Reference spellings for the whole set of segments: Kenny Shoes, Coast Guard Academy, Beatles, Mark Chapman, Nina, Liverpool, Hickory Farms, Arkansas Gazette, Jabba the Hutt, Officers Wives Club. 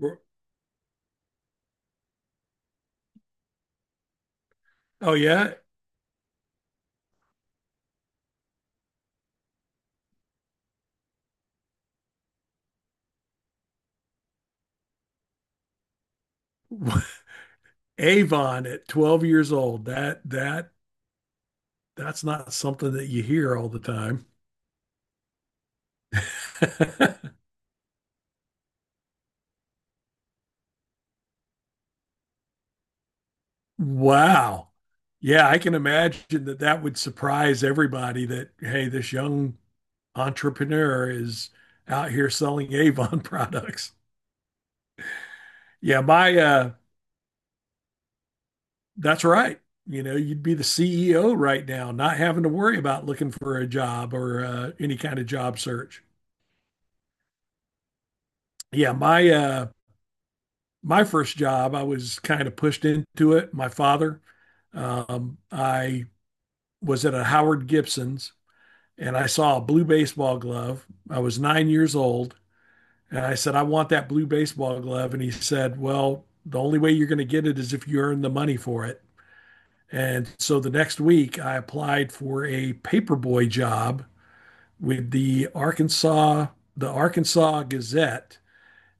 R- Oh yeah, Avon at 12 years old. That's not something that you hear all the time. Wow. Yeah, I can imagine that that would surprise everybody that hey, this young entrepreneur is out here selling Avon products. Yeah, my That's right. You know, you'd be the CEO right now, not having to worry about looking for a job or any kind of job search. Yeah, my uh my first job, I was kind of pushed into it. My father, I was at a Howard Gibson's and I saw a blue baseball glove. I was 9 years old. And I said, I want that blue baseball glove. And he said, well, the only way you're going to get it is if you earn the money for it. And so the next week, I applied for a paperboy job with the Arkansas Gazette.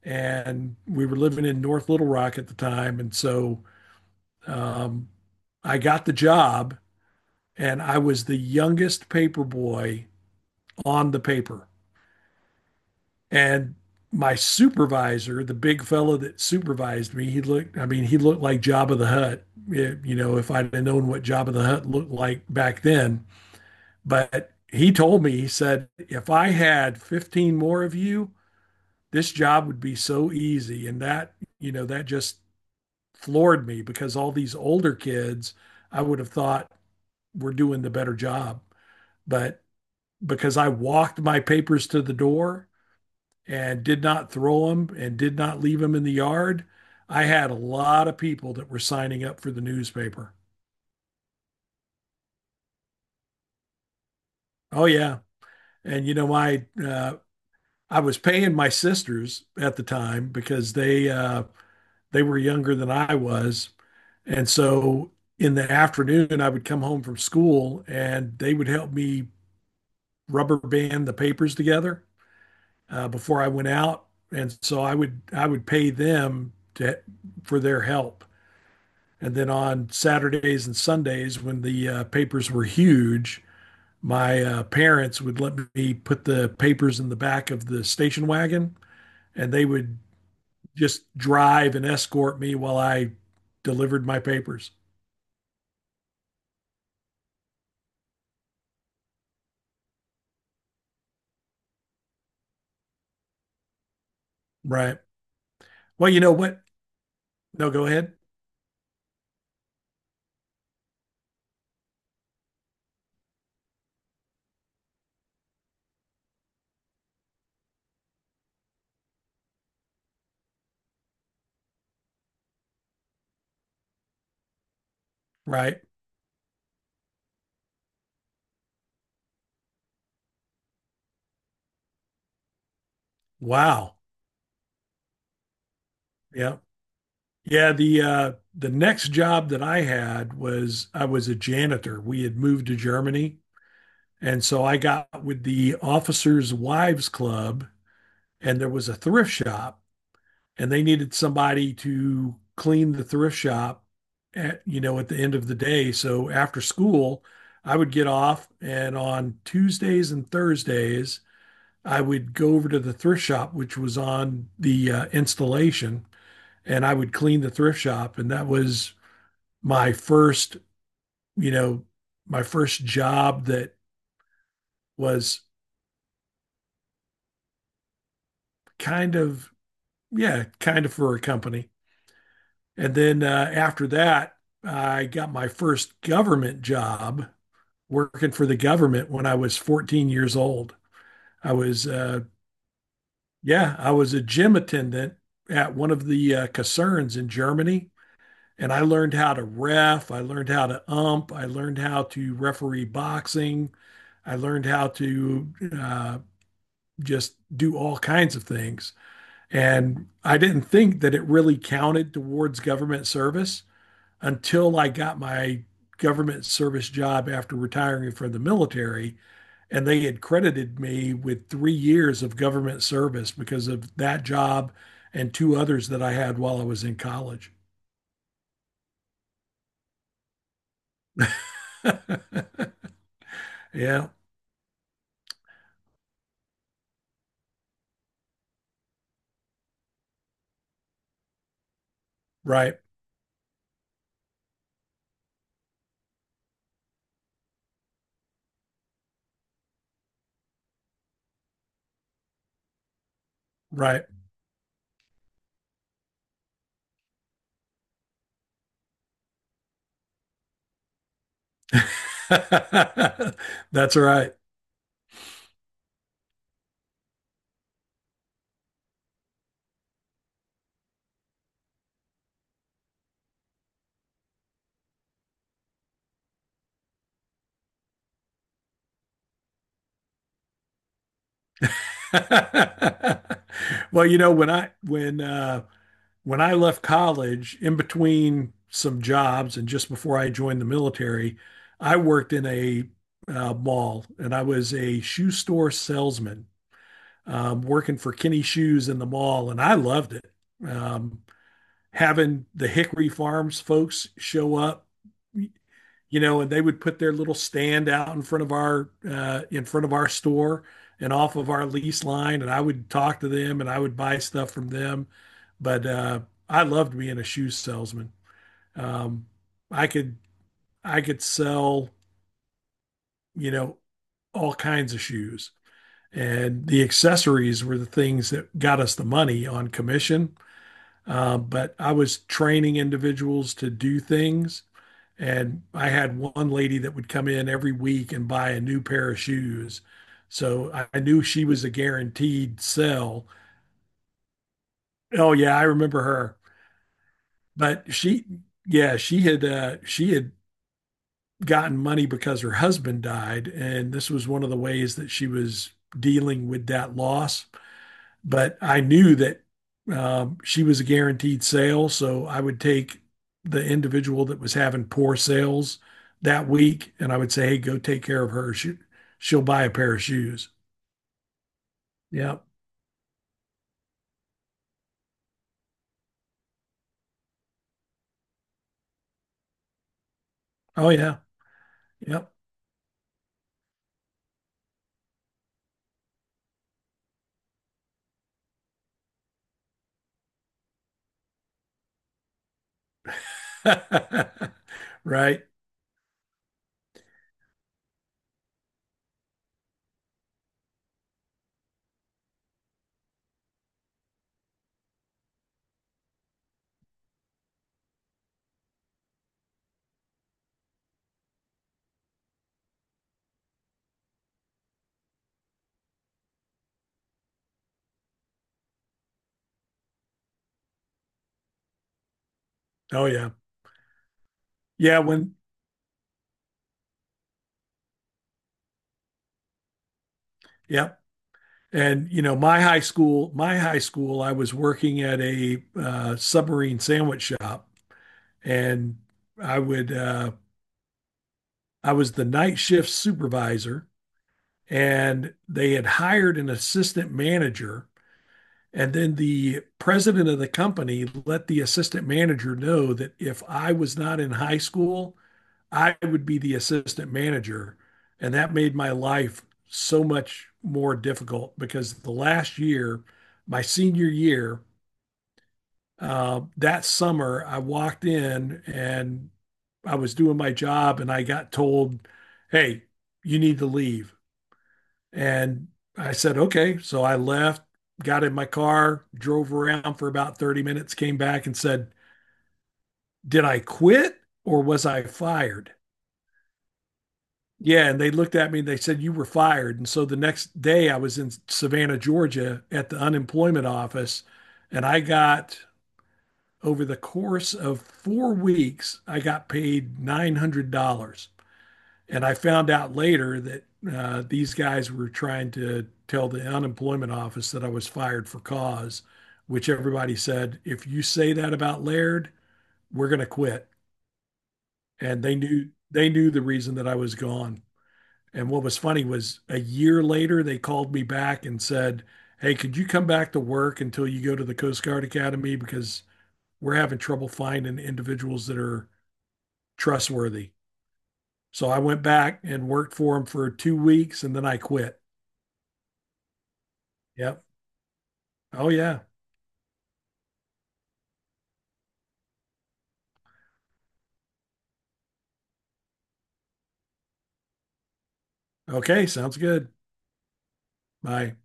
And we were living in North Little Rock at the time. And so um, I got the job and I was the youngest paper boy on the paper. And my supervisor, the big fellow that supervised me, he looked, I mean, he looked like Jabba the Hutt. You know, if I'd have known what Jabba the Hutt looked like back then, but he told me, he said, if I had 15 more of you, this job would be so easy. And that just floored me because all these older kids, I would have thought, we're doing the better job. But because I walked my papers to the door and did not throw them and did not leave them in the yard, I had a lot of people that were signing up for the newspaper. Oh yeah, and I was paying my sisters at the time because they were younger than I was, and so in the afternoon I would come home from school and they would help me rubber band the papers together before I went out, and so I would pay them to for their help. And then on Saturdays and Sundays, when the papers were huge, my parents would let me put the papers in the back of the station wagon, and they would just drive and escort me while I delivered my papers. Right. Well, you know what? No, go ahead. Right. Wow. Yeah. Yeah, the next job that I had was I was a janitor. We had moved to Germany, and so I got with the Officers Wives Club and there was a thrift shop and they needed somebody to clean the thrift shop at at the end of the day. So after school, I would get off and on Tuesdays and Thursdays, I would go over to the thrift shop which was on the installation and I would clean the thrift shop and that was my first, you know, my first job that was kind of, yeah, kind of for a company. And then after that, I got my first government job working for the government when I was 14 years old. I was, yeah, I was a gym attendant at one of the concerns in Germany. And I learned how to ref. I learned how to ump. I learned how to referee boxing. I learned how to uh, just do all kinds of things. And I didn't think that it really counted towards government service until I got my government service job after retiring from the military. And they had credited me with 3 years of government service because of that job and two others that I had while I was in college. Yeah, right. Right. That's right. Well, you know, when I left college, in between some jobs and just before I joined the military, I worked in a mall and I was a shoe store salesman working for Kenny Shoes in the mall, and I loved it. Um, Having the Hickory Farms folks show up, you know, and they would put their little stand out in front of our store and off of our lease line, and I would talk to them and I would buy stuff from them. But I loved being a shoe salesman. Um, I could I could sell you know all kinds of shoes, and the accessories were the things that got us the money on commission. But I was training individuals to do things. And I had one lady that would come in every week and buy a new pair of shoes. So I knew she was a guaranteed sell. Oh yeah, I remember her. But she, yeah, she had gotten money because her husband died, and this was one of the ways that she was dealing with that loss. But I knew that she was a guaranteed sale. So I would take the individual that was having poor sales that week and I would say, hey, go take care of her. She'll buy a pair of shoes. Yep. Oh, yeah. Yep. Right. Oh, yeah. Yeah. Yep. And, you know, my high school, I was working at a submarine sandwich shop and I would, I was the night shift supervisor and they had hired an assistant manager. And then the president of the company let the assistant manager know that if I was not in high school, I would be the assistant manager. And that made my life so much more difficult because the last year, my senior year, that summer, I walked in and I was doing my job and I got told, hey, you need to leave. And I said, okay. So I left, got in my car, drove around for about 30 minutes, came back and said, did I quit or was I fired? Yeah. And they looked at me and they said, you were fired. And so the next day I was in Savannah, Georgia at the unemployment office. And I got, over the course of 4 weeks, I got paid $900. And I found out later that these guys were trying to tell the unemployment office that I was fired for cause, which everybody said, if you say that about Laird, we're going to quit. And they knew the reason that I was gone. And what was funny was a year later, they called me back and said, hey, could you come back to work until you go to the Coast Guard Academy? Because we're having trouble finding individuals that are trustworthy. So I went back and worked for them for 2 weeks and then I quit. Yep. Oh yeah. Okay, sounds good. Bye.